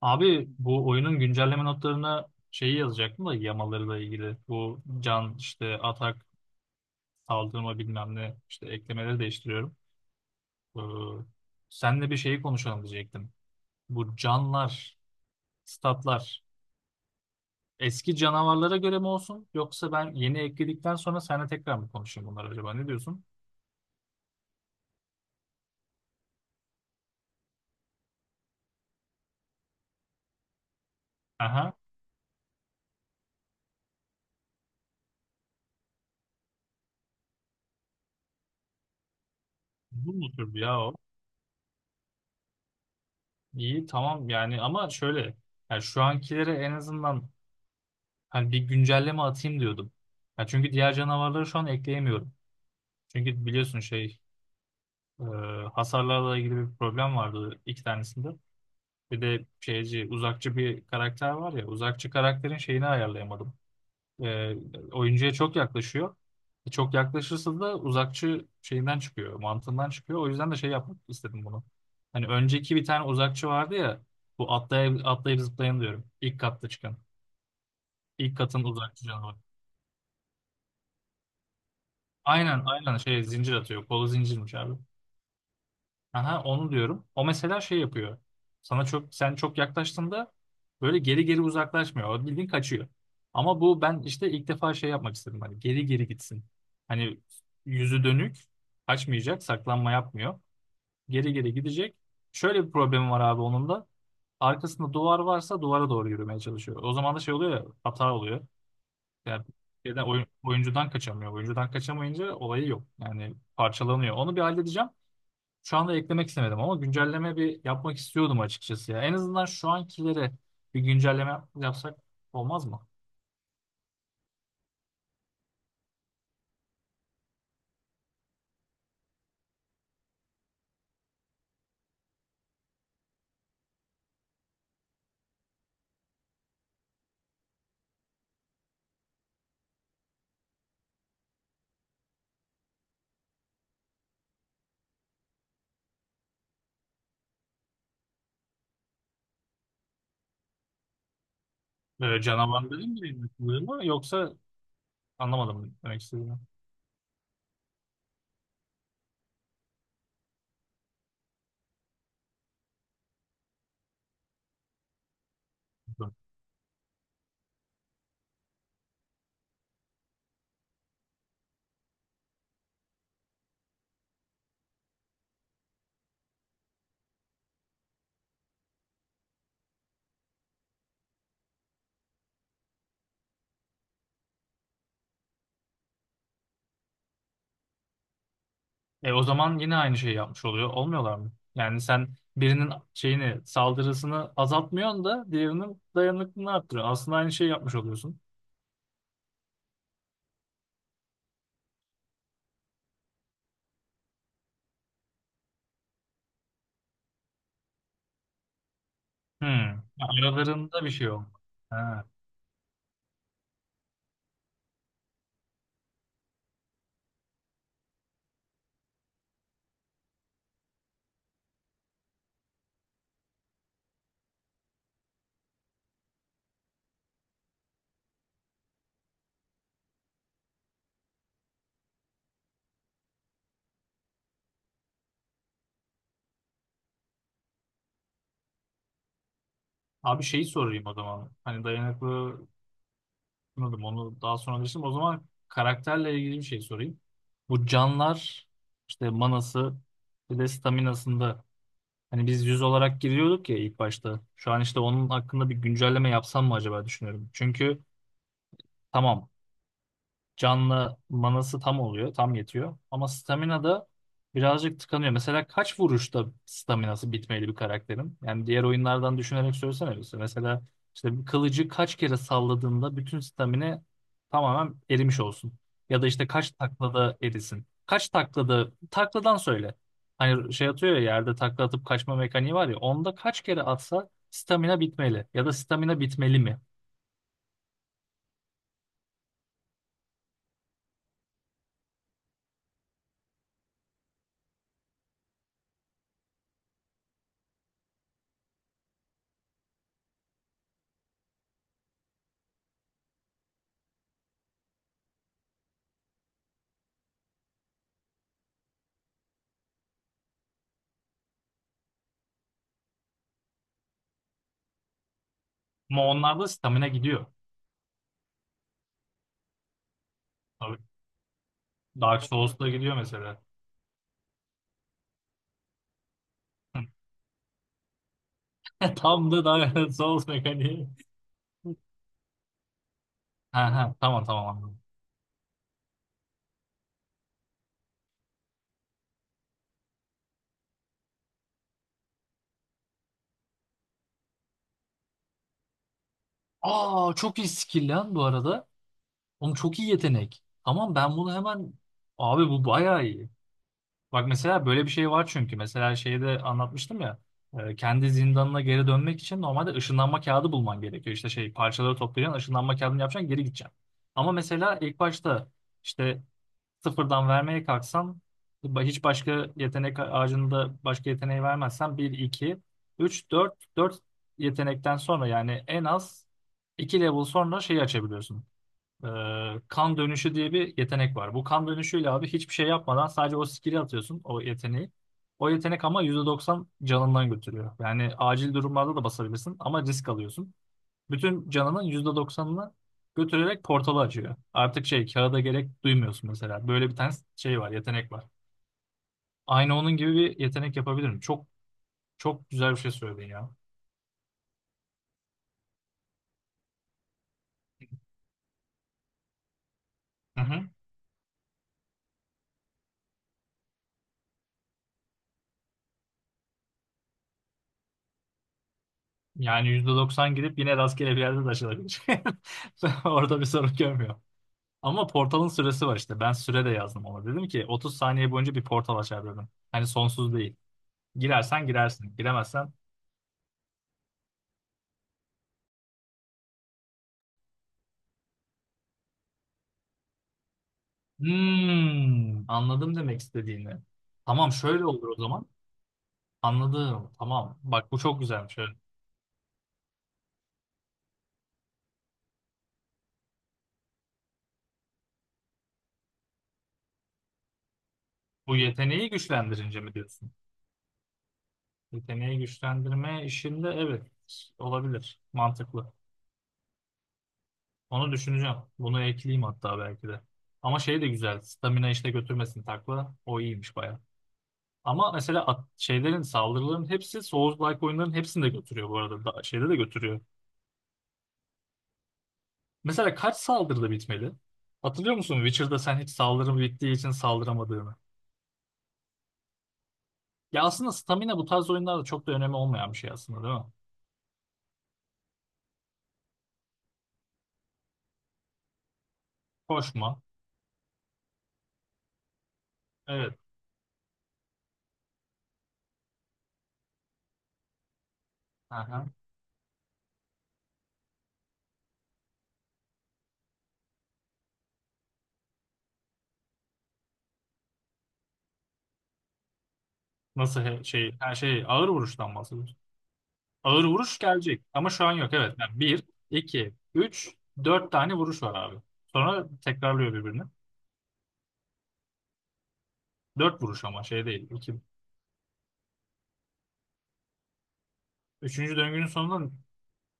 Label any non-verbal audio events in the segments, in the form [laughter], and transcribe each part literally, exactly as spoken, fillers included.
Abi bu oyunun güncelleme notlarına şeyi yazacaktım da yamalarıyla ilgili. Bu can işte atak saldırma bilmem ne işte eklemeleri değiştiriyorum. Ee, senle bir şeyi konuşalım diyecektim. Bu canlar, statlar eski canavarlara göre mi olsun yoksa ben yeni ekledikten sonra seninle tekrar mı konuşayım bunlar acaba ne diyorsun? Aha bu mu türdü ya o? İyi, tamam yani ama şöyle, yani şu ankilere en azından hani bir güncelleme atayım diyordum. Ya çünkü diğer canavarları şu an ekleyemiyorum. Çünkü biliyorsun şey, e, hasarlarla ilgili bir problem vardı iki tanesinde. Bir de şeyci uzakçı bir karakter var ya, uzakçı karakterin şeyini ayarlayamadım. E, oyuncuya çok yaklaşıyor. E, çok yaklaşırsa da uzakçı şeyinden çıkıyor, mantığından çıkıyor. O yüzden de şey yapmak istedim bunu. Hani önceki bir tane uzakçı vardı ya, bu atlayıp, atlayıp zıplayan diyorum. İlk katta çıkan. İlk katın uzakçı canavarı. Aynen aynen, şey zincir atıyor. Kolu zincirmiş abi. Aha onu diyorum. O mesela şey yapıyor. Sana çok, sen çok yaklaştığında böyle geri geri uzaklaşmıyor. O bildiğin kaçıyor. Ama bu, ben işte ilk defa şey yapmak istedim. Hani geri geri gitsin. Hani yüzü dönük kaçmayacak, saklanma yapmıyor. Geri geri gidecek. Şöyle bir problemi var abi onun da. Arkasında duvar varsa duvara doğru yürümeye çalışıyor. O zaman da şey oluyor ya, hata oluyor. Yani şeyden, oyun- oyuncudan kaçamıyor. Oyuncudan kaçamayınca olayı yok. Yani parçalanıyor. Onu bir halledeceğim. Şu anda eklemek istemedim ama güncelleme bir yapmak istiyordum açıkçası ya. En azından şu ankilere bir güncelleme yap- yapsak olmaz mı? Böyle canavar dedim mi mı, yoksa anlamadım demek istediğini. E o zaman yine aynı şeyi yapmış oluyor. Olmuyorlar mı? Yani sen birinin şeyini, saldırısını azaltmıyorsun da diğerinin dayanıklılığını arttırıyorsun. Aslında aynı şeyi yapmış oluyorsun. Hmm. Aralarında bir şey yok. Ha. Abi şeyi sorayım o zaman. Hani dayanıklı, anladım onu, daha sonra anlaşılır. O zaman karakterle ilgili bir şey sorayım. Bu canlar işte, manası, bir de staminasında hani biz yüz olarak giriyorduk ya ilk başta. Şu an işte onun hakkında bir güncelleme yapsam mı acaba düşünüyorum. Çünkü tamam, canlı, manası tam oluyor, tam yetiyor. Ama stamina da birazcık tıkanıyor. Mesela kaç vuruşta staminası bitmeli bir karakterin? Yani diğer oyunlardan düşünerek söylesene bize. Mesela işte bir kılıcı kaç kere salladığında bütün stamina tamamen erimiş olsun. Ya da işte kaç taklada erisin. Kaç taklada, takladan söyle. Hani şey atıyor ya, yerde takla atıp kaçma mekaniği var ya. Onda kaç kere atsa stamina bitmeli. Ya da stamina bitmeli mi? Ama onlarda stamina gidiyor. Dark Souls'la gidiyor mesela. [laughs] Tam da Dark Souls mekaniği. Ha ha, tamam tamam, anladım. Aa çok iyi skill lan bu arada. Oğlum çok iyi yetenek. Tamam ben bunu hemen... Abi bu bayağı iyi. Bak mesela böyle bir şey var çünkü. Mesela şeyde anlatmıştım ya. e, Kendi zindanına geri dönmek için normalde ışınlanma kağıdı bulman gerekiyor. İşte şey parçaları toplayacaksın, ışınlanma kağıdını yapacaksın, geri gideceksin. Ama mesela ilk başta işte sıfırdan vermeye kalksan, ba- hiç başka yetenek ağacında başka yeteneği vermezsen bir iki üç dört dört yetenekten sonra, yani en az iki level sonra şeyi açabiliyorsun. Ee, kan dönüşü diye bir yetenek var. Bu kan dönüşüyle abi hiçbir şey yapmadan sadece o skill'i atıyorsun, o yeteneği. O yetenek ama yüzde doksan canından götürüyor. Yani acil durumlarda da basabilirsin ama risk alıyorsun. Bütün canının yüzde doksanını götürerek portalı açıyor. Artık şey, kağıda gerek duymuyorsun mesela. Böyle bir tane şey var, yetenek var. Aynı onun gibi bir yetenek yapabilirim. Çok çok güzel bir şey söyledin ya. Hı hı. Yani yüzde doksan gidip yine rastgele bir yerde de açılabilir. [laughs] Orada bir sorun görmüyor. Ama portalın süresi var işte. Ben süre de yazdım ona. Dedim ki otuz saniye boyunca bir portal açar dedim. Hani sonsuz değil. Girersen girersin. Giremezsen... Hmm, anladım demek istediğini. Tamam, şöyle olur o zaman. Anladım. Tamam. Bak bu çok güzelmiş. Evet. Bu yeteneği güçlendirince mi diyorsun? Yeteneği güçlendirme işinde evet, olabilir. Mantıklı. Onu düşüneceğim. Bunu ekleyeyim hatta belki de. Ama şey de güzel. Stamina işte götürmesin takla. O iyiymiş baya. Ama mesela at- şeylerin, saldırıların hepsi, Souls-like oyunların hepsini de götürüyor bu arada. Da, şeyde de götürüyor. Mesela kaç saldırıda bitmeli? Hatırlıyor musun Witcher'da sen hiç saldırım bittiği için saldıramadığını? Ya aslında stamina bu tarz oyunlarda çok da önemi olmayan bir şey aslında değil mi? Koşma. Evet. Aha. Nasıl he- şey, her şey ağır vuruştan bahsediyoruz. Ağır vuruş gelecek ama şu an yok. Evet. Yani bir, iki, üç, dört tane vuruş var abi. Sonra tekrarlıyor birbirini. Dört vuruş ama şey değil. İki, üçüncü döngünün sonunda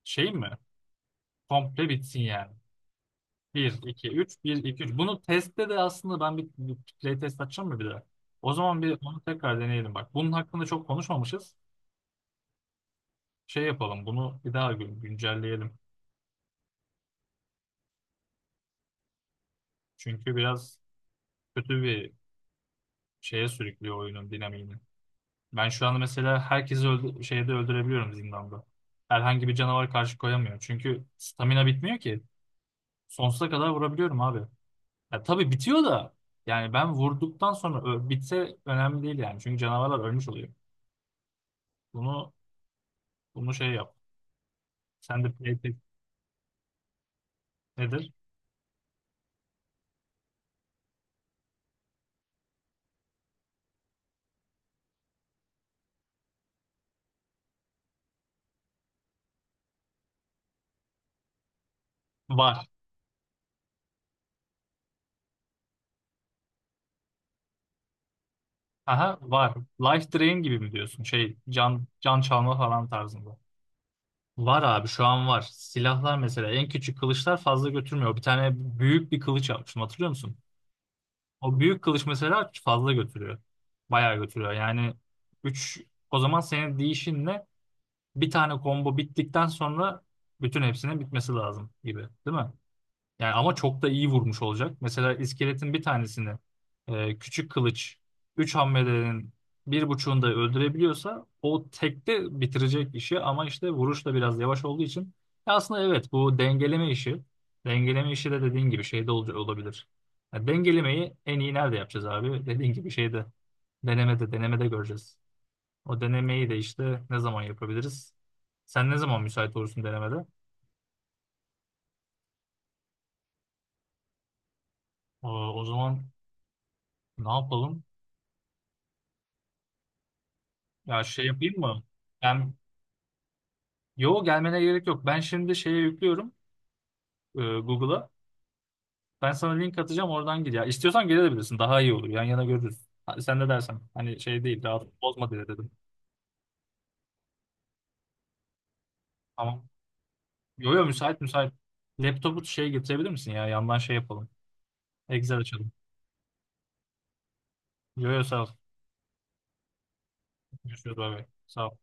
şey mi? Komple bitsin yani. Bir, iki, üç, bir, iki, üç. Bunu testte de aslında ben bir, bir playtest açacağım mı bir daha? O zaman bir onu tekrar deneyelim bak. Bunun hakkında çok konuşmamışız. Şey yapalım, bunu bir daha gün- güncelleyelim. Çünkü biraz kötü bir şeye sürüklüyor oyunun dinamiğini. Ben şu anda mesela herkesi öldü şeyde öldürebiliyorum zindanda. Herhangi bir canavar karşı koyamıyor. Çünkü stamina bitmiyor ki. Sonsuza kadar vurabiliyorum abi. Ya tabii bitiyor da, yani ben vurduktan sonra ö- bitse önemli değil yani. Çünkü canavarlar ölmüş oluyor. Bunu bunu şey yap. Sen de playtest nedir? Var. Aha var. Life Drain gibi mi diyorsun? Şey, can can çalma falan tarzında. Var abi, şu an var. Silahlar mesela, en küçük kılıçlar fazla götürmüyor. Bir tane büyük bir kılıç almıştım, hatırlıyor musun? O büyük kılıç mesela fazla götürüyor. Bayağı götürüyor. Yani üç, o zaman senin değişinle bir tane combo bittikten sonra bütün hepsinin bitmesi lazım gibi, değil mi? Yani ama çok da iyi vurmuş olacak. Mesela iskeletin bir tanesini e, küçük kılıç üç hamlelerin bir buçuğunda öldürebiliyorsa o tekte bitirecek işi, ama işte vuruş da biraz yavaş olduğu için... Ya aslında evet, bu dengeleme işi, dengeleme işi de dediğin gibi şeyde ol- olabilir. Ya dengelemeyi en iyi nerede yapacağız abi? Dediğin gibi şeyde denemede denemede göreceğiz. O denemeyi de işte ne zaman yapabiliriz? Sen ne zaman müsait olursun denemede? O, o zaman ne yapalım? Ya şey yapayım mı? Ben, yo, gelmene gerek yok. Ben şimdi şeye yüklüyorum, e, Google'a. Ben sana link atacağım, oradan gir. Ya istiyorsan gelebilirsin. Daha iyi olur. Yan yana görürüz. Ha, sen de dersen. Hani şey değil. Daha bozma diye dedim. Tamam. Yo yo müsait müsait. Laptopu şey getirebilir misin ya? Yandan şey yapalım. Excel açalım. Yo yo sağ ol. Görüşürüz. Bay bay. Sağ ol.